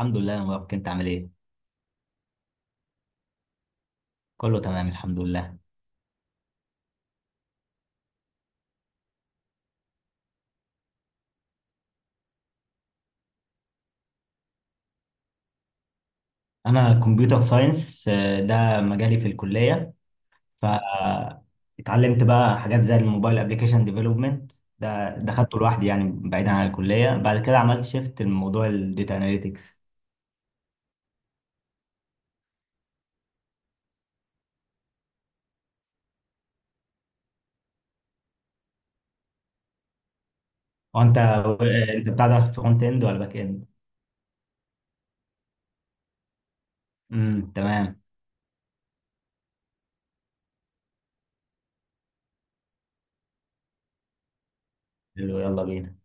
الحمد لله يا مبارك، انت عامل ايه؟ كله تمام الحمد لله. انا كمبيوتر ساينس، ده مجالي في الكلية. ف اتعلمت بقى حاجات زي الموبايل ابلكيشن ديفلوبمنت. ده خدته لوحدي، يعني بعيدا عن الكلية، بعد كده عملت شيفت لموضوع الداتا اناليتكس. وانت بتاع ده فرونت اند ولا باك اند؟ تمام. حلو، يلا بينا.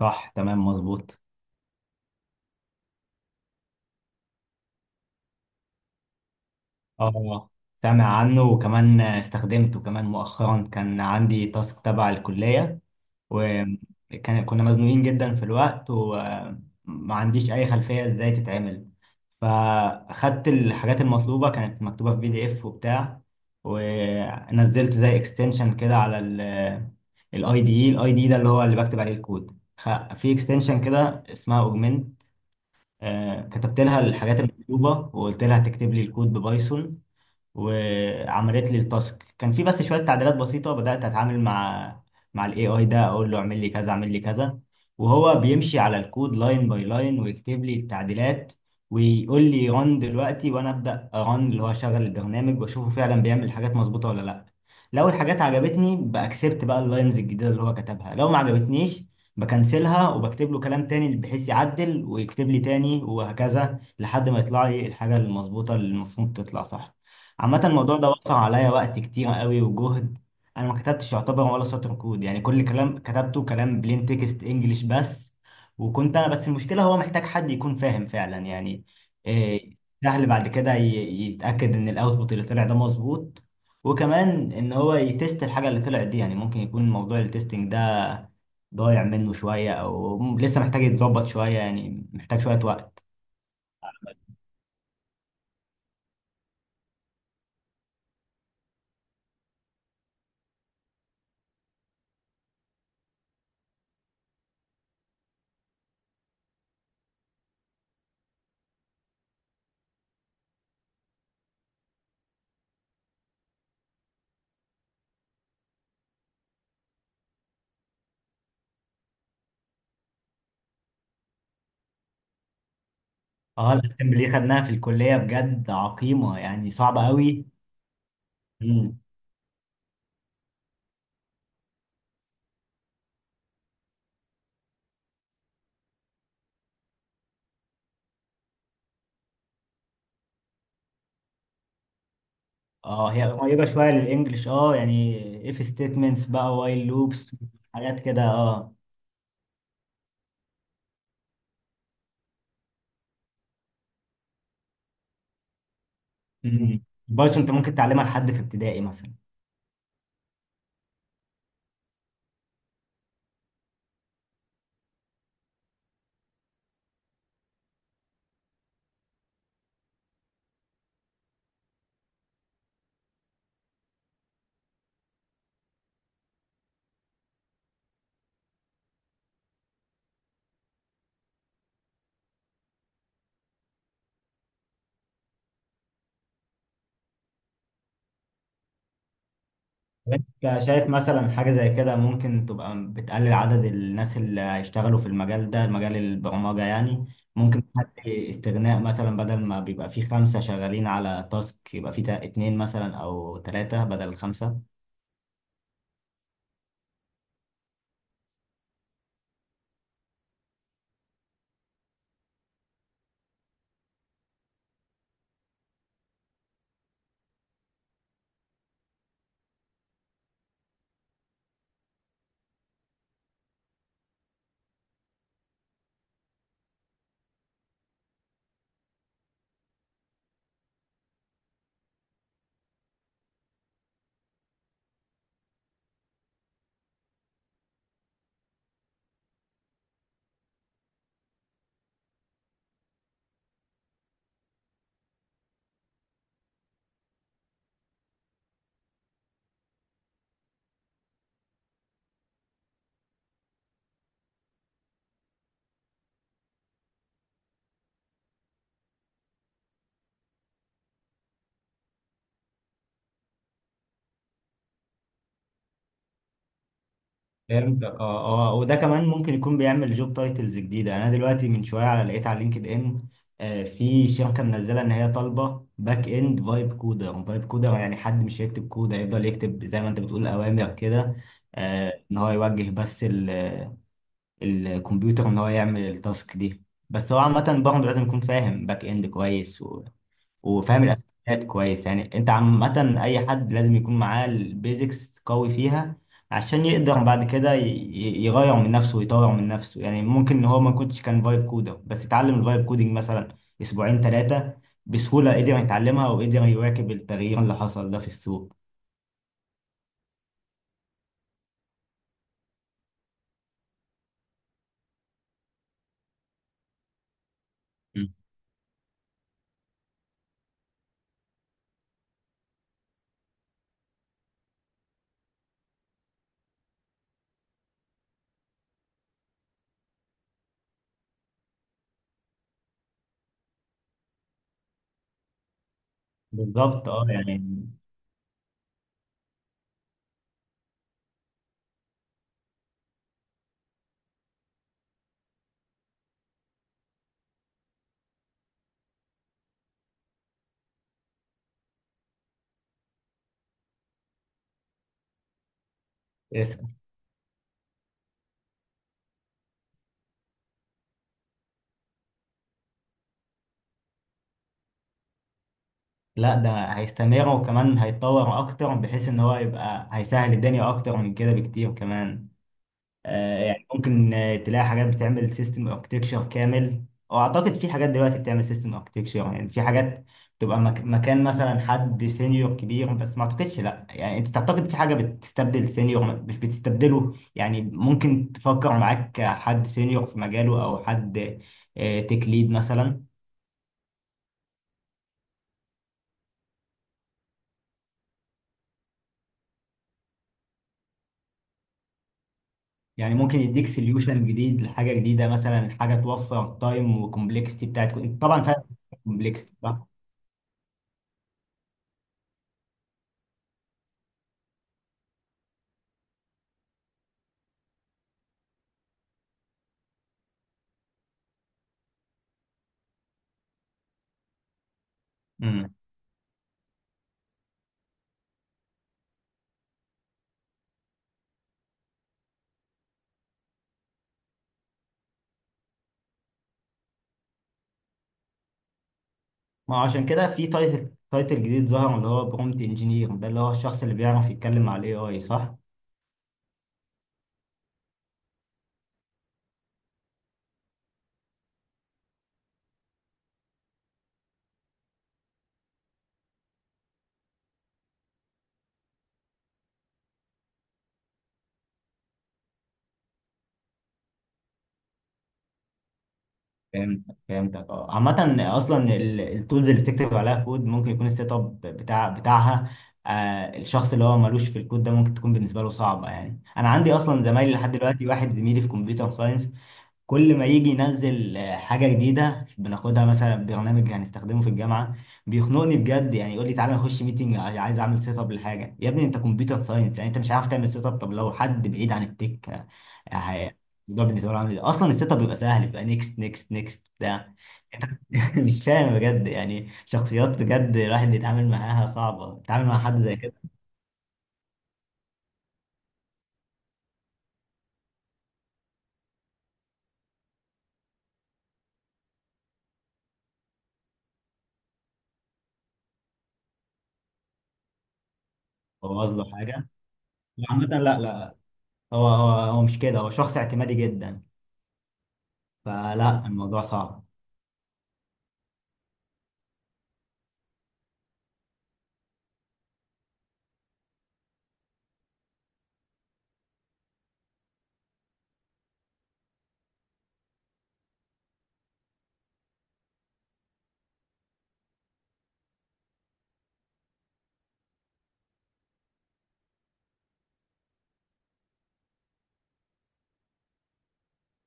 صح تمام مظبوط. اه، سامع عنه وكمان استخدمته كمان مؤخرا. كان عندي تاسك تبع الكلية، وكان كنا مزنوقين جدا في الوقت، وما عنديش اي خلفية ازاي تتعمل. فاخدت الحاجات المطلوبة، كانت مكتوبة في بي دي اف وبتاع، ونزلت زي اكستنشن كده على الاي دي ده، اللي هو اللي بكتب عليه الكود. في اكستنشن كده اسمها اوجمنت، كتبت لها الحاجات المطلوبة وقلت لها تكتب لي الكود ببايثون، وعملت لي التاسك. كان في بس شوية تعديلات بسيطة. بدأت أتعامل مع الاي اي ده، اقول له اعمل لي كذا اعمل لي كذا، وهو بيمشي على الكود لاين باي لاين ويكتب لي التعديلات، ويقول لي ران دلوقتي، وانا ابدا ران، اللي هو اشغل البرنامج واشوفه فعلا بيعمل الحاجات مظبوطه ولا لا. لو الحاجات عجبتني باكسبت بقى اللاينز الجديده اللي هو كتبها، لو ما عجبتنيش بكنسلها وبكتب له كلام تاني بحيث يعدل ويكتب لي تاني، وهكذا لحد ما يطلع لي الحاجه المظبوطه اللي المفروض تطلع صح. عامة، الموضوع ده وقع عليا وقت كتير قوي وجهد. انا ما كتبتش يعتبر ولا سطر كود، يعني كل كلام كتبته كلام بلين تكست انجلش بس، وكنت انا بس. المشكلة هو محتاج حد يكون فاهم فعلا، يعني إيه، سهل بعد كده يتأكد ان الاوتبوت اللي طلع ده مظبوط، وكمان ان هو يتست الحاجة اللي طلعت دي. يعني ممكن يكون موضوع التستنج ده ضايع منه شوية، او لسه محتاج يتظبط شوية، يعني محتاج شوية وقت. اه، الاسمبلي خدناها في الكلية، بجد عقيمة، يعني صعبة قوي. مم. اه، هي قريبة شوية للإنجليش. اه يعني if statements بقى while loops، حاجات كده اه. مم. البايثون انت ممكن تعلمها لحد في ابتدائي مثلا. انت شايف مثلا حاجة زي كده ممكن تبقى بتقلل عدد الناس اللي هيشتغلوا في المجال ده، مجال البرمجة يعني؟ ممكن تخلي استغناء، مثلا بدل ما بيبقى فيه خمسة شغالين على تاسك، يبقى فيه اتنين مثلا أو تلاتة بدل خمسة. فهمت، اه اه. وده كمان ممكن يكون بيعمل جوب تايتلز جديده. يعني انا دلوقتي من شويه لقيت على لينكد ان في شركه منزله ان هي طالبه باك اند فايب كودر. فايب كودر يعني حد مش هيكتب كود، هيفضل يكتب زي ما انت بتقول اوامر كده، ان هو يوجه بس الكمبيوتر ان هو يعمل التاسك دي. بس هو عامه برضه لازم يكون فاهم باك اند كويس، وفاهم الاساسيات كويس. يعني انت عامه، اي حد لازم يكون معاه البيزكس قوي فيها عشان يقدر بعد كده يغير من نفسه ويطور من نفسه. يعني ممكن ان هو ما كنتش كان فايب كودر، بس اتعلم الفايب كودنج مثلا اسبوعين ثلاثه بسهوله، قدر يتعلمها وقدر يواكب التغيير اللي حصل ده في السوق. مم. بالظبط اه، يعني. اسأل. لا، ده هيستمر وكمان هيتطور اكتر، بحيث ان هو يبقى هيسهل الدنيا اكتر من كده بكتير كمان. يعني ممكن تلاقي حاجات بتعمل سيستم اركتكشر كامل، او اعتقد في حاجات دلوقتي بتعمل سيستم اركتكشر. يعني في حاجات تبقى مكان مثلا حد سينيور كبير، بس ما اعتقدش. لا، يعني انت تعتقد في حاجة بتستبدل سينيور، مش بتستبدله. يعني ممكن تفكر معاك حد سينيور في مجاله، او حد تك ليد مثلا. يعني ممكن يديك سوليوشن جديد لحاجة جديدة، مثلا حاجة توفر تايم وكومبلكستي بتاعت، انت طبعا فاهم كومبلكستي صح؟ ما هو عشان كده في تايتل جديد ظهر اللي هو برومت انجينير، ده اللي هو الشخص اللي بيعرف يتكلم مع الاي اي صح؟ فهمت فهمتك اه. عامة، اصلا التولز اللي بتكتب عليها كود ممكن يكون السيت اب بتاعها. الشخص اللي هو ملوش في الكود ده ممكن تكون بالنسبة له صعبة. يعني انا عندي اصلا زمايلي لحد دلوقتي، واحد زميلي في كمبيوتر ساينس كل ما يجي ينزل حاجة جديدة بناخدها، مثلا برنامج هنستخدمه في الجامعة، بيخنقني بجد. يعني يقول لي تعالى نخش ميتنج، عايز اعمل سيت اب لحاجة. يا ابني انت كمبيوتر ساينس، يعني انت مش عارف تعمل سيت اب؟ طب لو حد بعيد عن التك، آه، هي- الموضوع بالنسبة له عامل ازاي؟ اصلا السيت اب بيبقى سهل، بيبقى نيكست نيكست نيكست بتاع. مش فاهم بجد، يعني شخصيات بجد الواحد بيتعامل معاها صعبة، بيتعامل مع حد زي كده بوظ له حاجة. عامة لا لا، هو مش كده، هو شخص اعتمادي جدا، فلا الموضوع صعب.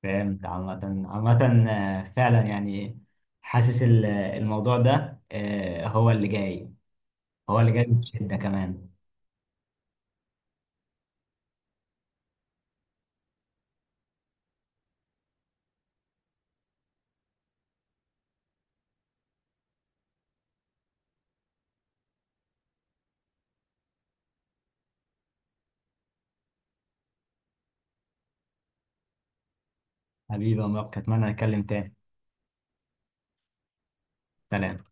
فهمت. عامة فعلا يعني حاسس الموضوع ده هو اللي جاي، هو اللي جاي بشدة كمان. حبيبي يا مبارك، أتمنى نتكلم تاني. سلام.